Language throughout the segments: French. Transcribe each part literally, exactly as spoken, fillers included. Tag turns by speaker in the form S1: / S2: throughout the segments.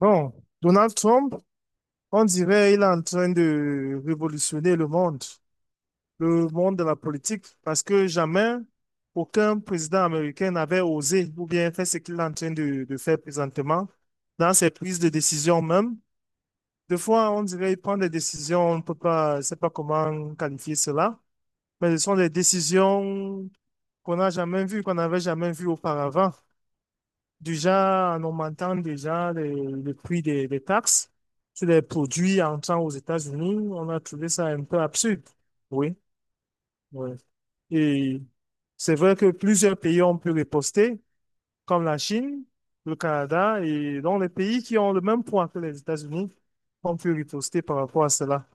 S1: Bon, Donald Trump, on dirait il est en train de révolutionner le monde, le monde de la politique, parce que jamais aucun président américain n'avait osé ou bien fait ce qu'il est en train de, de faire présentement dans ses prises de décision même. Des fois, on dirait qu'il prend des décisions, on ne peut pas, je ne sais pas comment qualifier cela, mais ce sont des décisions qu'on n'a jamais vues, qu'on n'avait jamais vues auparavant. Déjà, en augmentant déjà les- le prix des, des taxes sur les produits entrant aux États-Unis, on a trouvé ça un peu absurde. Oui, oui. Et c'est vrai que plusieurs pays ont pu riposter, comme la Chine, le Canada, et donc les pays qui ont le même poids que les États-Unis ont pu riposter par rapport à cela.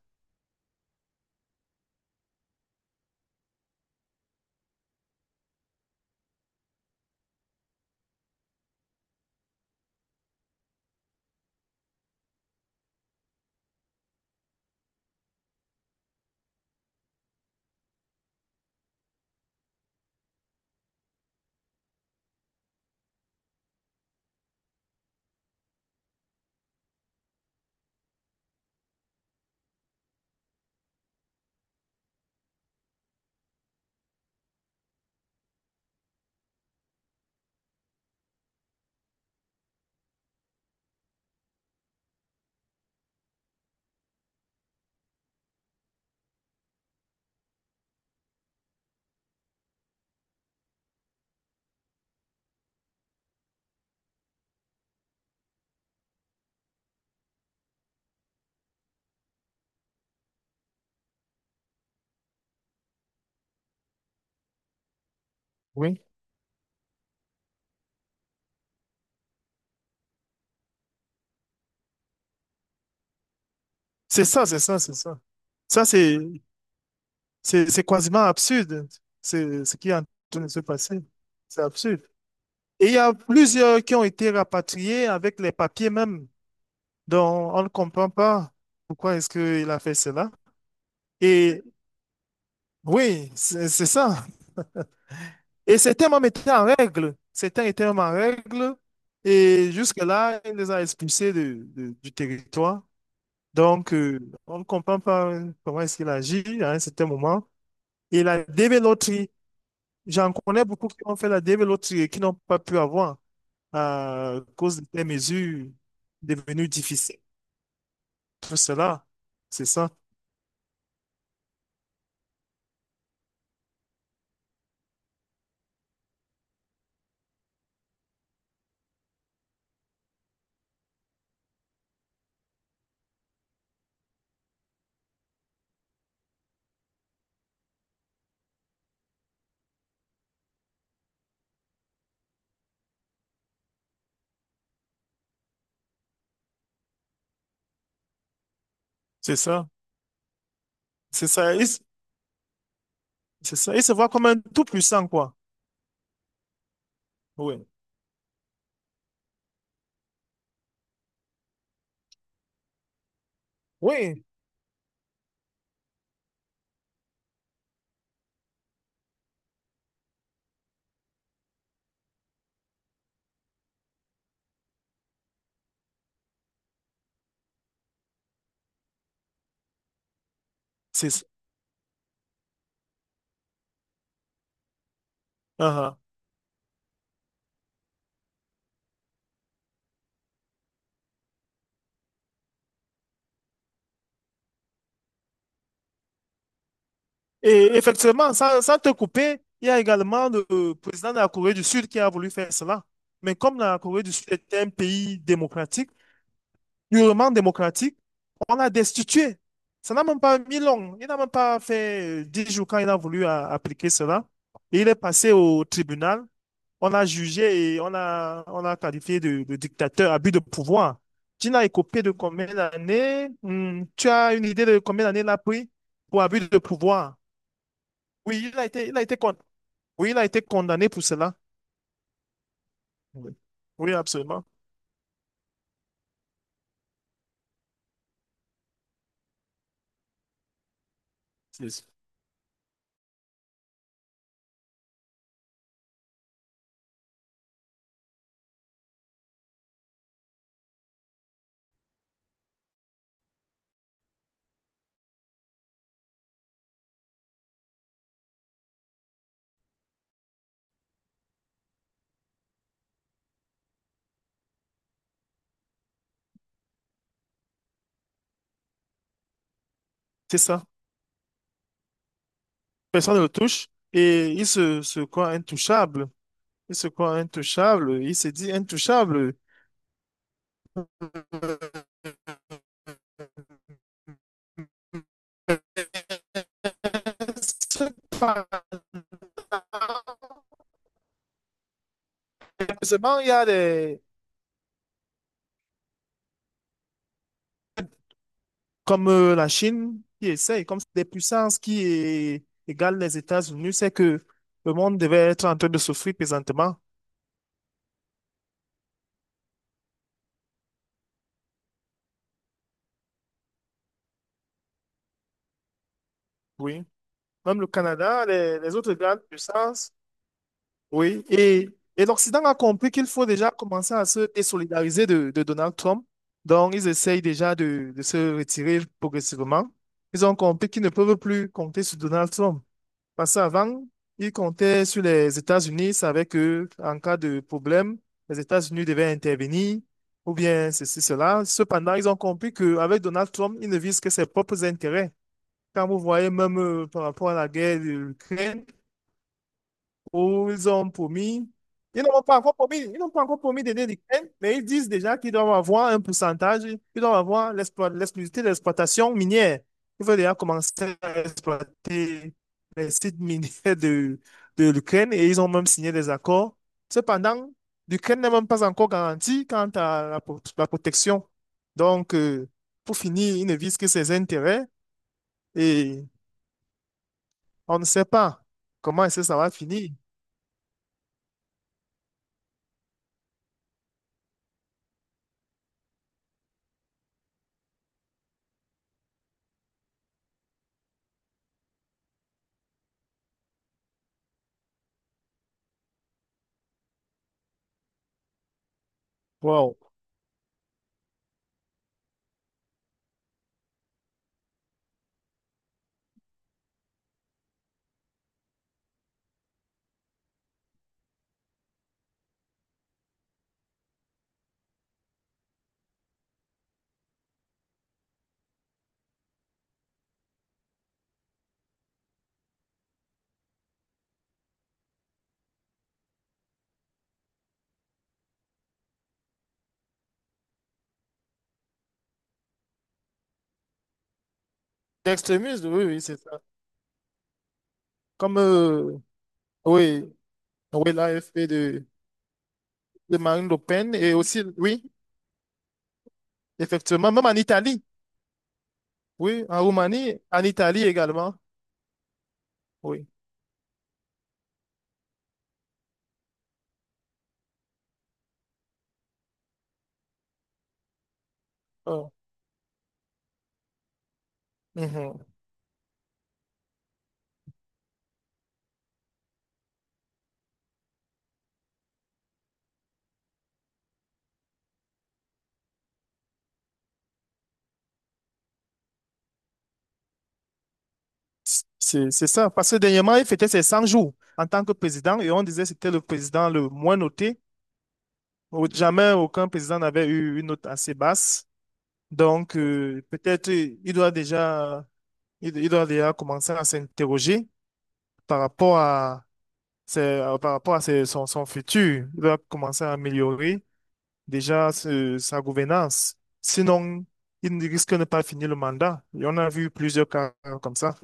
S1: Oui. C'est ça, c'est ça, c'est ça. Ça, c'est, c'est, c'est quasiment absurde, c'est ce qui est en train de se passer. C'est absurde. Et il y a plusieurs qui ont été rapatriés avec les papiers même. Donc, on ne comprend pas pourquoi est-ce qu'il a fait cela. Et oui, c'est c'est ça. Et certains même étaient en règle. Certains étaient même en règle. Et jusque-là, il les a expulsés de- de- du territoire. Donc, euh, on ne comprend pas euh, comment est-ce qu'il agit à un certain moment. Et la dévéloterie, j'en connais beaucoup qui ont fait la dévéloterie et qui n'ont pas pu avoir à cause des mesures devenues difficiles. C'est là. C'est ça. C'est ça. C'est ça. Il, s- c'est ça. Il se voit comme un tout puissant, quoi. Oui. Oui. C'est ça. Ah, ah. Et effectivement, sans, sans te couper, il y a également le euh, président de la Corée du Sud qui a voulu faire cela. Mais comme la Corée du Sud est un pays démocratique, purement démocratique, on l'a destitué. Ça n'a même pas mis long. Il n'a même pas fait euh, dix jours quand il a voulu a- appliquer cela. Et il est passé au tribunal. On a jugé et on a, on a qualifié de, de dictateur, abus de pouvoir. Tu n'as écopé de combien d'années? Hmm, tu as une idée de combien d'années il a pris pour abus de pouvoir? Oui, il a été, il a été, con- oui, il a été condamné pour cela. Oui, oui, absolument. C'est c'est ça. Personne ne le touche et il se, se croit intouchable. Il se croit intouchable. Il se dit intouchable. Ce Seulement, il y a des, comme euh, la Chine qui essaye, comme c'est des puissances qui é- égalent les États-Unis, c'est que le monde devait être en train de souffrir présentement. Oui. Même le Canada, les, les autres grandes puissances. Oui. Et, et l'Occident a compris qu'il faut déjà commencer à se désolidariser de, de Donald Trump. Donc, ils essayent déjà de, de se retirer progressivement. Ils ont compris qu'ils ne peuvent plus compter sur Donald Trump. Parce qu'avant, ils comptaient sur les États-Unis, savaient que en cas de problème, les États-Unis devaient intervenir, ou bien ceci, cela. Cependant, ils ont compris qu'avec Donald Trump, ils ne visent que ses propres intérêts. Quand vous voyez même euh, par rapport à la guerre de l'Ukraine, où ils ont promis, ils n'ont pas encore promis, ils n'ont pas encore promis d'aider l'Ukraine, mais ils disent déjà qu'ils doivent avoir un pourcentage, qu'ils doivent avoir l'explo- l'exclusivité de l'exploitation minière. Ils veulent déjà commencer à exploiter les sites miniers de, de l'Ukraine et ils ont même signé des accords. Cependant, l'Ukraine n'est même pas encore garantie quant à la, pro- la protection. Donc, euh, pour finir, ils ne visent que ses intérêts et on ne sait pas comment est-ce que ça va finir. Wow. D'extrémisme, oui, oui, c'est ça. Comme, euh, oui, oui, l'A F P de, de Marine Le Pen et aussi, oui, effectivement, même en Italie, oui, en Roumanie, en Italie également, oui. Oh, mhm. C'est, c'est ça. Parce que dernièrement, il fêtait ses cent jours en tant que président et on disait que c'était le président le moins noté. Au- Jamais aucun président n'avait eu une note assez basse. Donc, euh, peut-être euh, il doit déjà, il il doit déjà commencer à s'interroger par rapport à c'est euh, par rapport à ses- son, son futur. Il doit commencer à améliorer déjà ce- sa gouvernance. Sinon, il ne risque de ne pas finir le mandat. Et on a vu plusieurs cas comme ça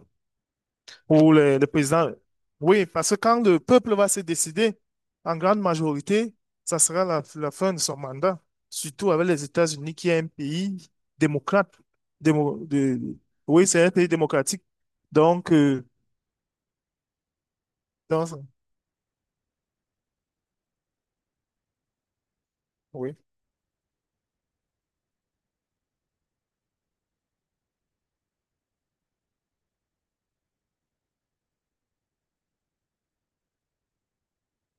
S1: où le, le président. Oui, parce que quand le peuple va se décider, en grande majorité, ça sera la, la fin de son mandat. Surtout avec les États-Unis, qui est un pays démocrate. démo- de, oui, c'est un pays démocratique. Donc, euh, dans, oui.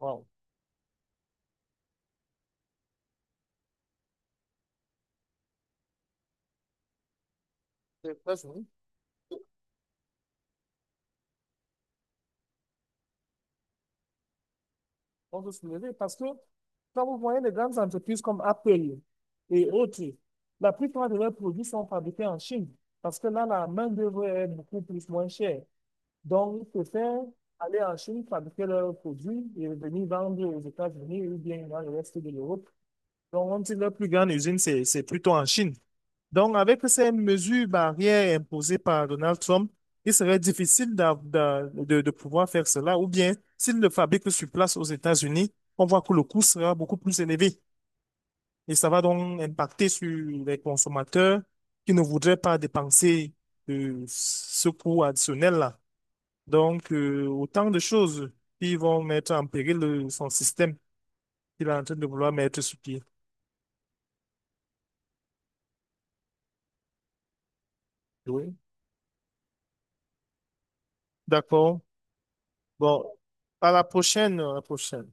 S1: Wow. On peut soulever parce que quand vous voyez les grandes entreprises comme Apple et autres, la plupart de leurs produits sont fabriqués en Chine parce que là, la main-d'œuvre est beaucoup plus moins chère. Donc, ils préfèrent aller en Chine, fabriquer leurs produits et venir vendre aux États-Unis ou bien dans le reste de l'Europe. Donc, on dit que leur plus grande usine, c'est c'est plutôt en Chine. Donc, avec ces mesures barrières imposées par Donald Trump, il serait difficile d'av- d'a- de, de pouvoir faire cela. Ou bien, s'il le fabrique sur place aux États-Unis, on voit que le coût sera beaucoup plus élevé. Et ça va donc impacter sur les consommateurs qui ne voudraient pas dépenser euh, ce coût additionnel-là. Donc, euh, autant de choses qui vont mettre en péril le- son système qu'il est en train de vouloir mettre sur pied. Oui. D'accord. Bon, à la prochaine, à la prochaine.